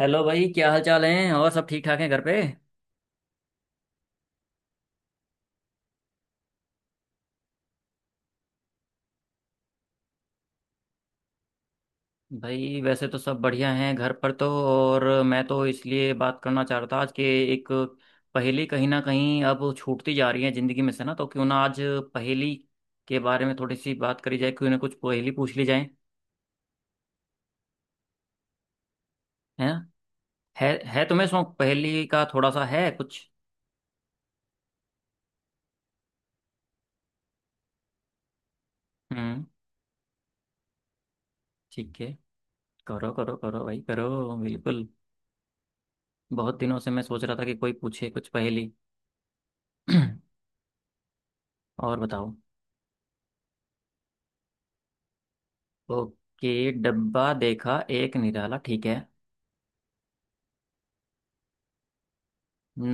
Hello भाई, क्या हाल चाल है? और सब ठीक ठाक हैं घर पे? भाई वैसे तो सब बढ़िया हैं घर पर तो। और मैं तो इसलिए बात करना चाह रहा था, आज के एक पहेली कहीं ना कहीं अब छूटती जा रही है ज़िंदगी में से ना, तो क्यों ना आज पहेली के बारे में थोड़ी सी बात करी जाए। क्यों ना कुछ पहेली पूछ ली जाए। है ना? है तुम्हें शौक पहेली का थोड़ा सा है कुछ? हम्म। ठीक है, करो करो करो भाई, करो बिल्कुल। बहुत दिनों से मैं सोच रहा था कि कोई पूछे कुछ पहेली। और बताओ। ओके, डब्बा देखा एक निराला, ठीक है।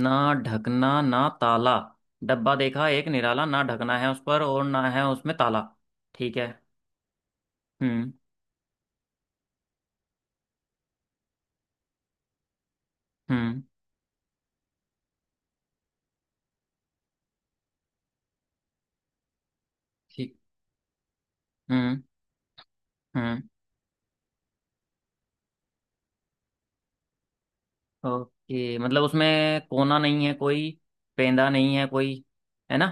ना ढकना ना ताला। डब्बा देखा एक निराला, ना ढकना है उस पर और ना है उसमें ताला। ठीक है। हम्म। हम्म। ठीक। हम्म। हम्म। ओके, मतलब उसमें कोना नहीं है कोई, पेंदा नहीं है कोई, है ना?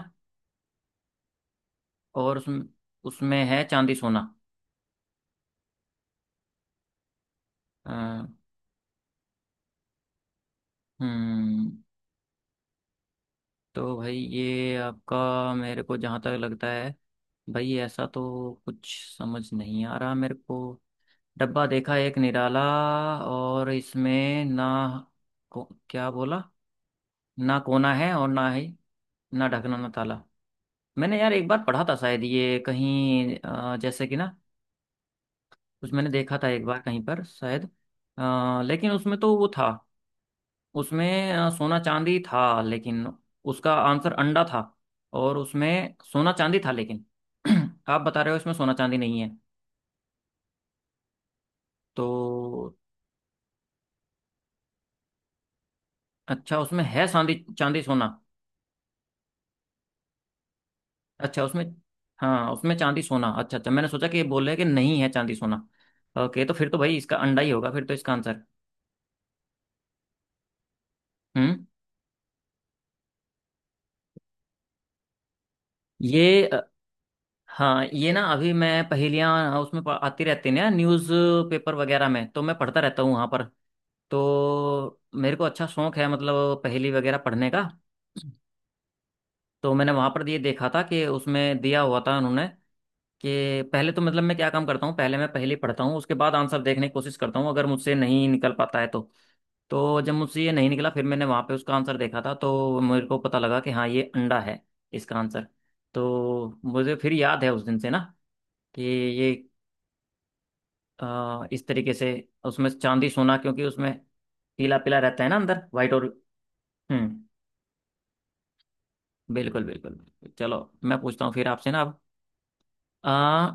और उसमें, उसमें है चांदी सोना। अ, हम्म। तो भाई ये आपका, मेरे को जहाँ तक लगता है, भाई ऐसा तो कुछ समझ नहीं आ रहा मेरे को। डब्बा देखा एक निराला, और इसमें ना को, क्या बोला, ना कोना है और ना ही, ना ढकना ना ताला। मैंने यार एक बार पढ़ा था शायद ये कहीं, जैसे कि ना, कुछ मैंने देखा था एक बार कहीं पर शायद। लेकिन उसमें तो वो था, उसमें सोना चांदी था, लेकिन उसका आंसर अंडा था। और उसमें सोना चांदी था लेकिन, आप बता रहे हो इसमें सोना चांदी नहीं है तो। अच्छा, उसमें है चांदी चांदी सोना। अच्छा उसमें, हाँ, उसमें चांदी सोना। अच्छा अच्छा, मैंने सोचा कि ये बोल रहे हैं कि नहीं है चांदी सोना। ओके, तो फिर तो भाई इसका अंडा ही होगा फिर तो, इसका आंसर। हम्म। ये हाँ, ये ना, अभी मैं पहेलियाँ उसमें आती रहती हैं ना न्यूज़ पेपर वगैरह में, तो मैं पढ़ता रहता हूँ वहाँ पर। तो मेरे को अच्छा शौक है मतलब पहेली वगैरह पढ़ने का। तो मैंने वहां पर ये देखा था कि उसमें दिया हुआ था उन्होंने, कि पहले तो मतलब मैं क्या काम करता हूँ, पहले मैं पहेली पढ़ता हूँ, उसके बाद आंसर देखने की कोशिश करता हूँ, अगर मुझसे नहीं निकल पाता है तो। तो जब मुझसे ये नहीं निकला, फिर मैंने वहां पे उसका आंसर देखा था, तो मेरे को पता लगा कि हाँ, ये अंडा है इसका आंसर। तो मुझे फिर याद है उस दिन से ना, कि ये इस तरीके से उसमें चांदी सोना, क्योंकि उसमें पीला पीला रहता है ना अंदर, वाइट और। हम्म। बिल्कुल बिल्कुल। चलो मैं पूछता हूँ फिर आपसे ना अब। आ,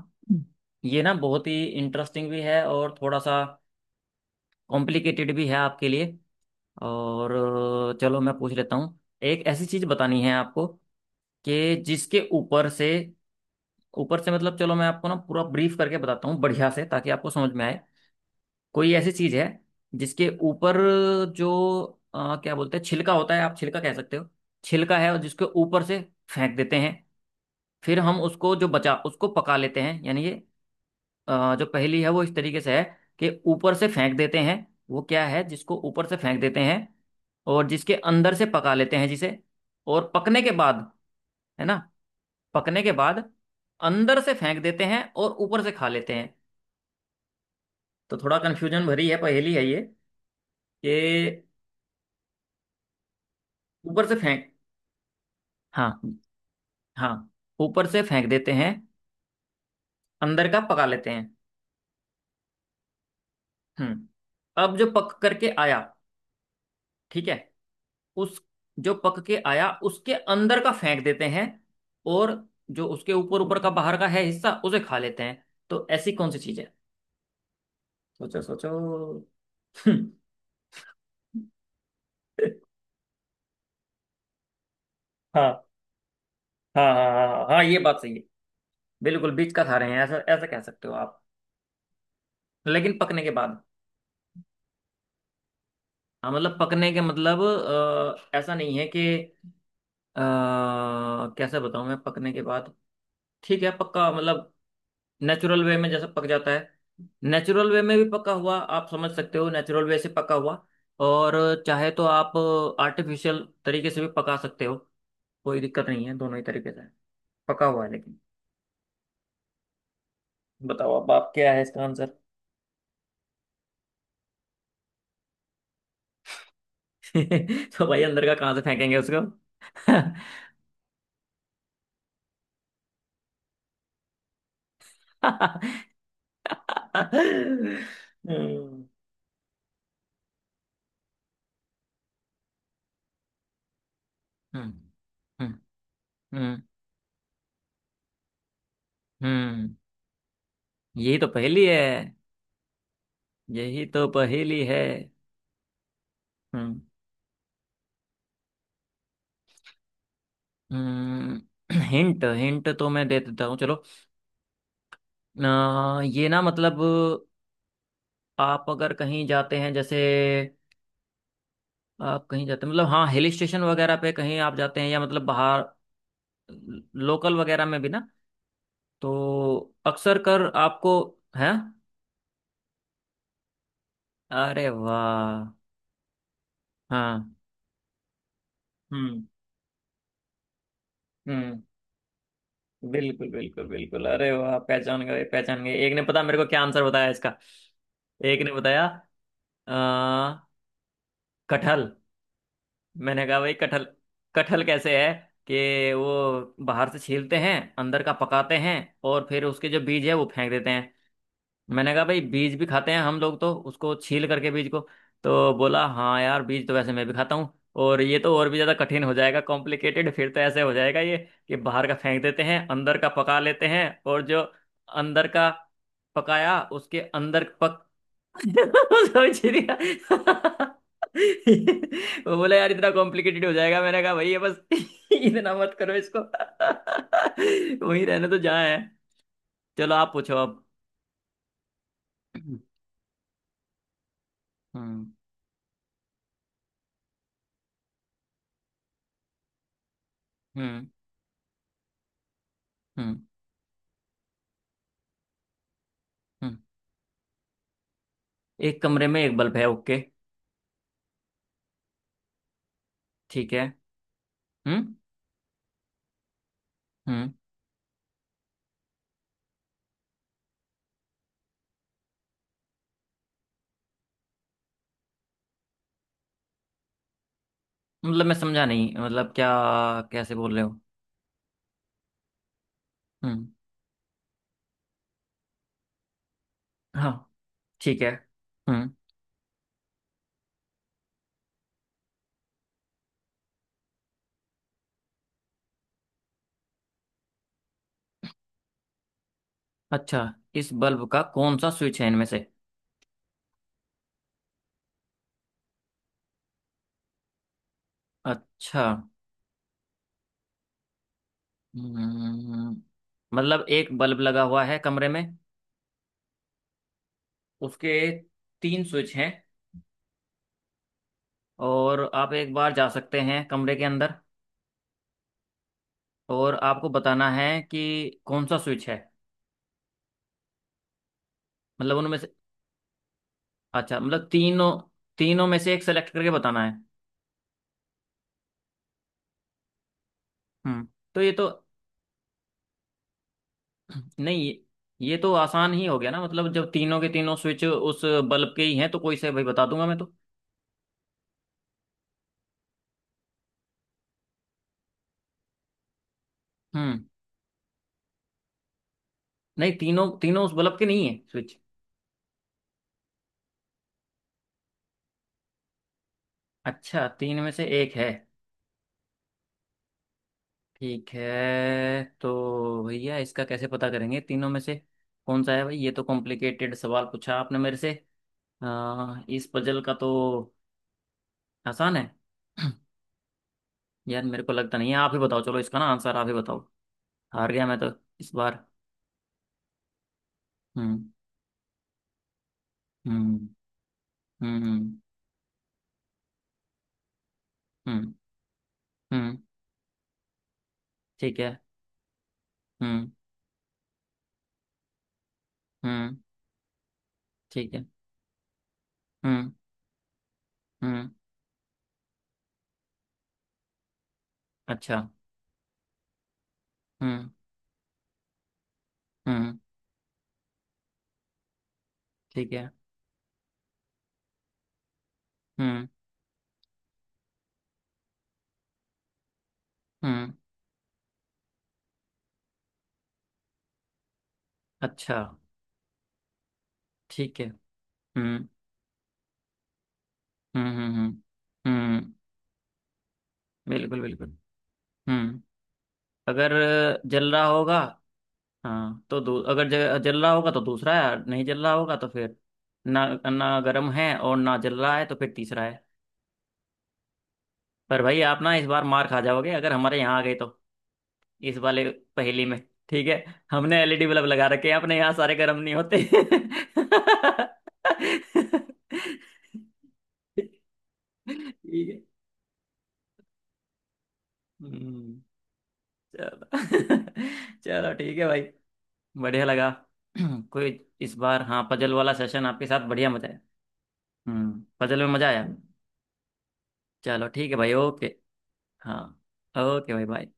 ये ना बहुत ही इंटरेस्टिंग भी है और थोड़ा सा कॉम्प्लिकेटेड भी है आपके लिए। और चलो मैं पूछ लेता हूँ। एक ऐसी चीज बतानी है आपको कि जिसके ऊपर से, ऊपर से मतलब, चलो मैं आपको ना पूरा ब्रीफ करके बताता हूँ बढ़िया से, ताकि आपको समझ में आए। कोई ऐसी चीज है जिसके ऊपर जो क्या बोलते हैं, छिलका होता है, आप छिलका कह सकते हो। छिलका है और जिसके ऊपर से फेंक देते हैं, फिर हम उसको जो बचा उसको पका लेते हैं। यानी ये जो पहेली है वो इस तरीके से है कि ऊपर से फेंक देते हैं, वो क्या है जिसको ऊपर से फेंक देते हैं और जिसके अंदर से पका लेते हैं जिसे। और पकने के बाद, है ना, पकने के बाद अंदर से फेंक देते हैं और ऊपर से खा लेते हैं। तो थोड़ा कन्फ्यूजन भरी है पहेली है ये। कि ऊपर से फेंक, हाँ हाँ, ऊपर से फेंक देते हैं, अंदर का पका लेते हैं। हम्म। अब जो पक करके आया, ठीक है, उस, जो पक के आया उसके अंदर का फेंक देते हैं, और जो उसके ऊपर ऊपर का बाहर का है हिस्सा, उसे खा लेते हैं। तो ऐसी कौन सी चीज है? सोचो सोचो। हाँ हाँ हाँ हाँ हाँ, ये बात सही है। बिल्कुल बीच का खा रहे हैं, ऐसा ऐसा कह सकते हो आप। लेकिन पकने के बाद। हाँ मतलब पकने के मतलब, ऐसा नहीं है कि, अ, कैसे बताऊं मैं, पकने के बाद ठीक है पक्का मतलब, नेचुरल वे में जैसा पक जाता है। नेचुरल वे में भी पका हुआ आप समझ सकते हो, नेचुरल वे से पका हुआ। और चाहे तो आप आर्टिफिशियल तरीके से भी पका सकते हो, कोई दिक्कत नहीं है, दोनों ही तरीके से पका हुआ है लेकिन। बताओ अब आप, क्या है इसका आंसर? तो भाई अंदर का कहाँ से फेंकेंगे उसको? हम्म। हम्म। हम्म। हम्म। हम्म, यही तो पहेली है, यही तो पहेली है। हम्म। हिंट हिंट, तो मैं दे देता हूँ चलो। ये ना मतलब, आप अगर कहीं जाते हैं जैसे, आप कहीं जाते हैं मतलब, हाँ, हिल स्टेशन वगैरह पे कहीं आप जाते हैं या मतलब बाहर लोकल वगैरह में भी ना, तो अक्सर कर आपको है। अरे वाह! हाँ। हम्म। हम्म। बिल्कुल बिल्कुल बिल्कुल, अरे वाह, पहचान गए पहचान गए। एक ने पता मेरे को क्या आंसर बताया इसका, एक ने बताया, आ, कटहल। मैंने कहा भाई कटहल? कटहल कैसे है? कि वो बाहर से छीलते हैं, अंदर का पकाते हैं, और फिर उसके जो बीज है वो फेंक देते हैं। मैंने कहा भाई बीज भी खाते हैं हम लोग तो उसको छील करके, बीज को। तो बोला हाँ यार, बीज तो वैसे मैं भी खाता हूँ। और ये तो और भी ज़्यादा कठिन हो जाएगा, कॉम्प्लिकेटेड फिर तो, ऐसे हो जाएगा ये, कि बाहर का फेंक देते हैं, अंदर का पका लेते हैं, और जो अंदर का पकाया उसके अंदर पक, समझ लिया। वो बोला यार इतना कॉम्प्लिकेटेड हो जाएगा, मैंने कहा भैया बस इतना मत करो इसको। वहीं रहने तो जहाँ है। चलो आप पूछो अब। हम्म। हम्म। हम्म। हम्म। एक कमरे में एक बल्ब है, ओके। ठीक है। हम्म। हम्म। मतलब मैं समझा नहीं, मतलब क्या, कैसे बोल रहे हो? हम्म। हाँ। ठीक है। हम्म। अच्छा, इस बल्ब का कौन सा स्विच है इनमें से? अच्छा। हम्म, मतलब एक बल्ब लगा हुआ है कमरे में, उसके तीन स्विच हैं, और आप एक बार जा सकते हैं कमरे के अंदर, और आपको बताना है कि कौन सा स्विच है। मतलब उनमें से, अच्छा मतलब तीनों, तीनों में से एक सेलेक्ट करके बताना है। हम्म। तो ये तो, नहीं ये, ये तो आसान ही हो गया ना। मतलब जब तीनों के तीनों स्विच उस बल्ब के ही हैं, तो कोई से भाई बता दूंगा मैं तो। हम्म। नहीं, तीनों तीनों उस बल्ब के नहीं है स्विच? अच्छा, तीन में से एक है। ठीक है, तो भैया इसका कैसे पता करेंगे तीनों में से कौन सा है भाई? ये तो कॉम्प्लिकेटेड सवाल पूछा आपने मेरे से, इस पजल का तो। आसान है? यार मेरे को लगता नहीं है, आप ही बताओ, चलो इसका ना आंसर आप ही बताओ, हार गया मैं तो इस बार। हम्म। हम्म। हम्म। हम्म। हम्म। ठीक है। हम्म। हम्म। ठीक है। हम्म। हम्म। अच्छा। हम्म। हम्म। ठीक है। हम्म। हम्म। अच्छा। ठीक है। हम्म। हम्म। हम्म। हम्म। हम्म, बिल्कुल बिल्कुल। हम्म। अगर जल रहा होगा, हाँ तो अगर जल रहा होगा तो दूसरा है, और नहीं जल रहा होगा तो फिर, ना ना गर्म है और ना जल रहा है, तो फिर तीसरा है। पर भाई आप ना इस बार मार खा जाओगे अगर हमारे यहाँ आ गए तो, इस वाले पहेली में। ठीक है, हमने एलईडी बल्ब लगा रखे हैं अपने यहाँ सारे, गर्म नहीं होते ठीक है। हम्म, चलो चलो ठीक है भाई, बढ़िया लगा। कोई, इस बार हाँ पजल वाला सेशन आपके साथ बढ़िया, मजा आया। हम्म, पजल में मजा आया। चलो ठीक है भाई, ओके। हाँ, ओके भाई, बाय।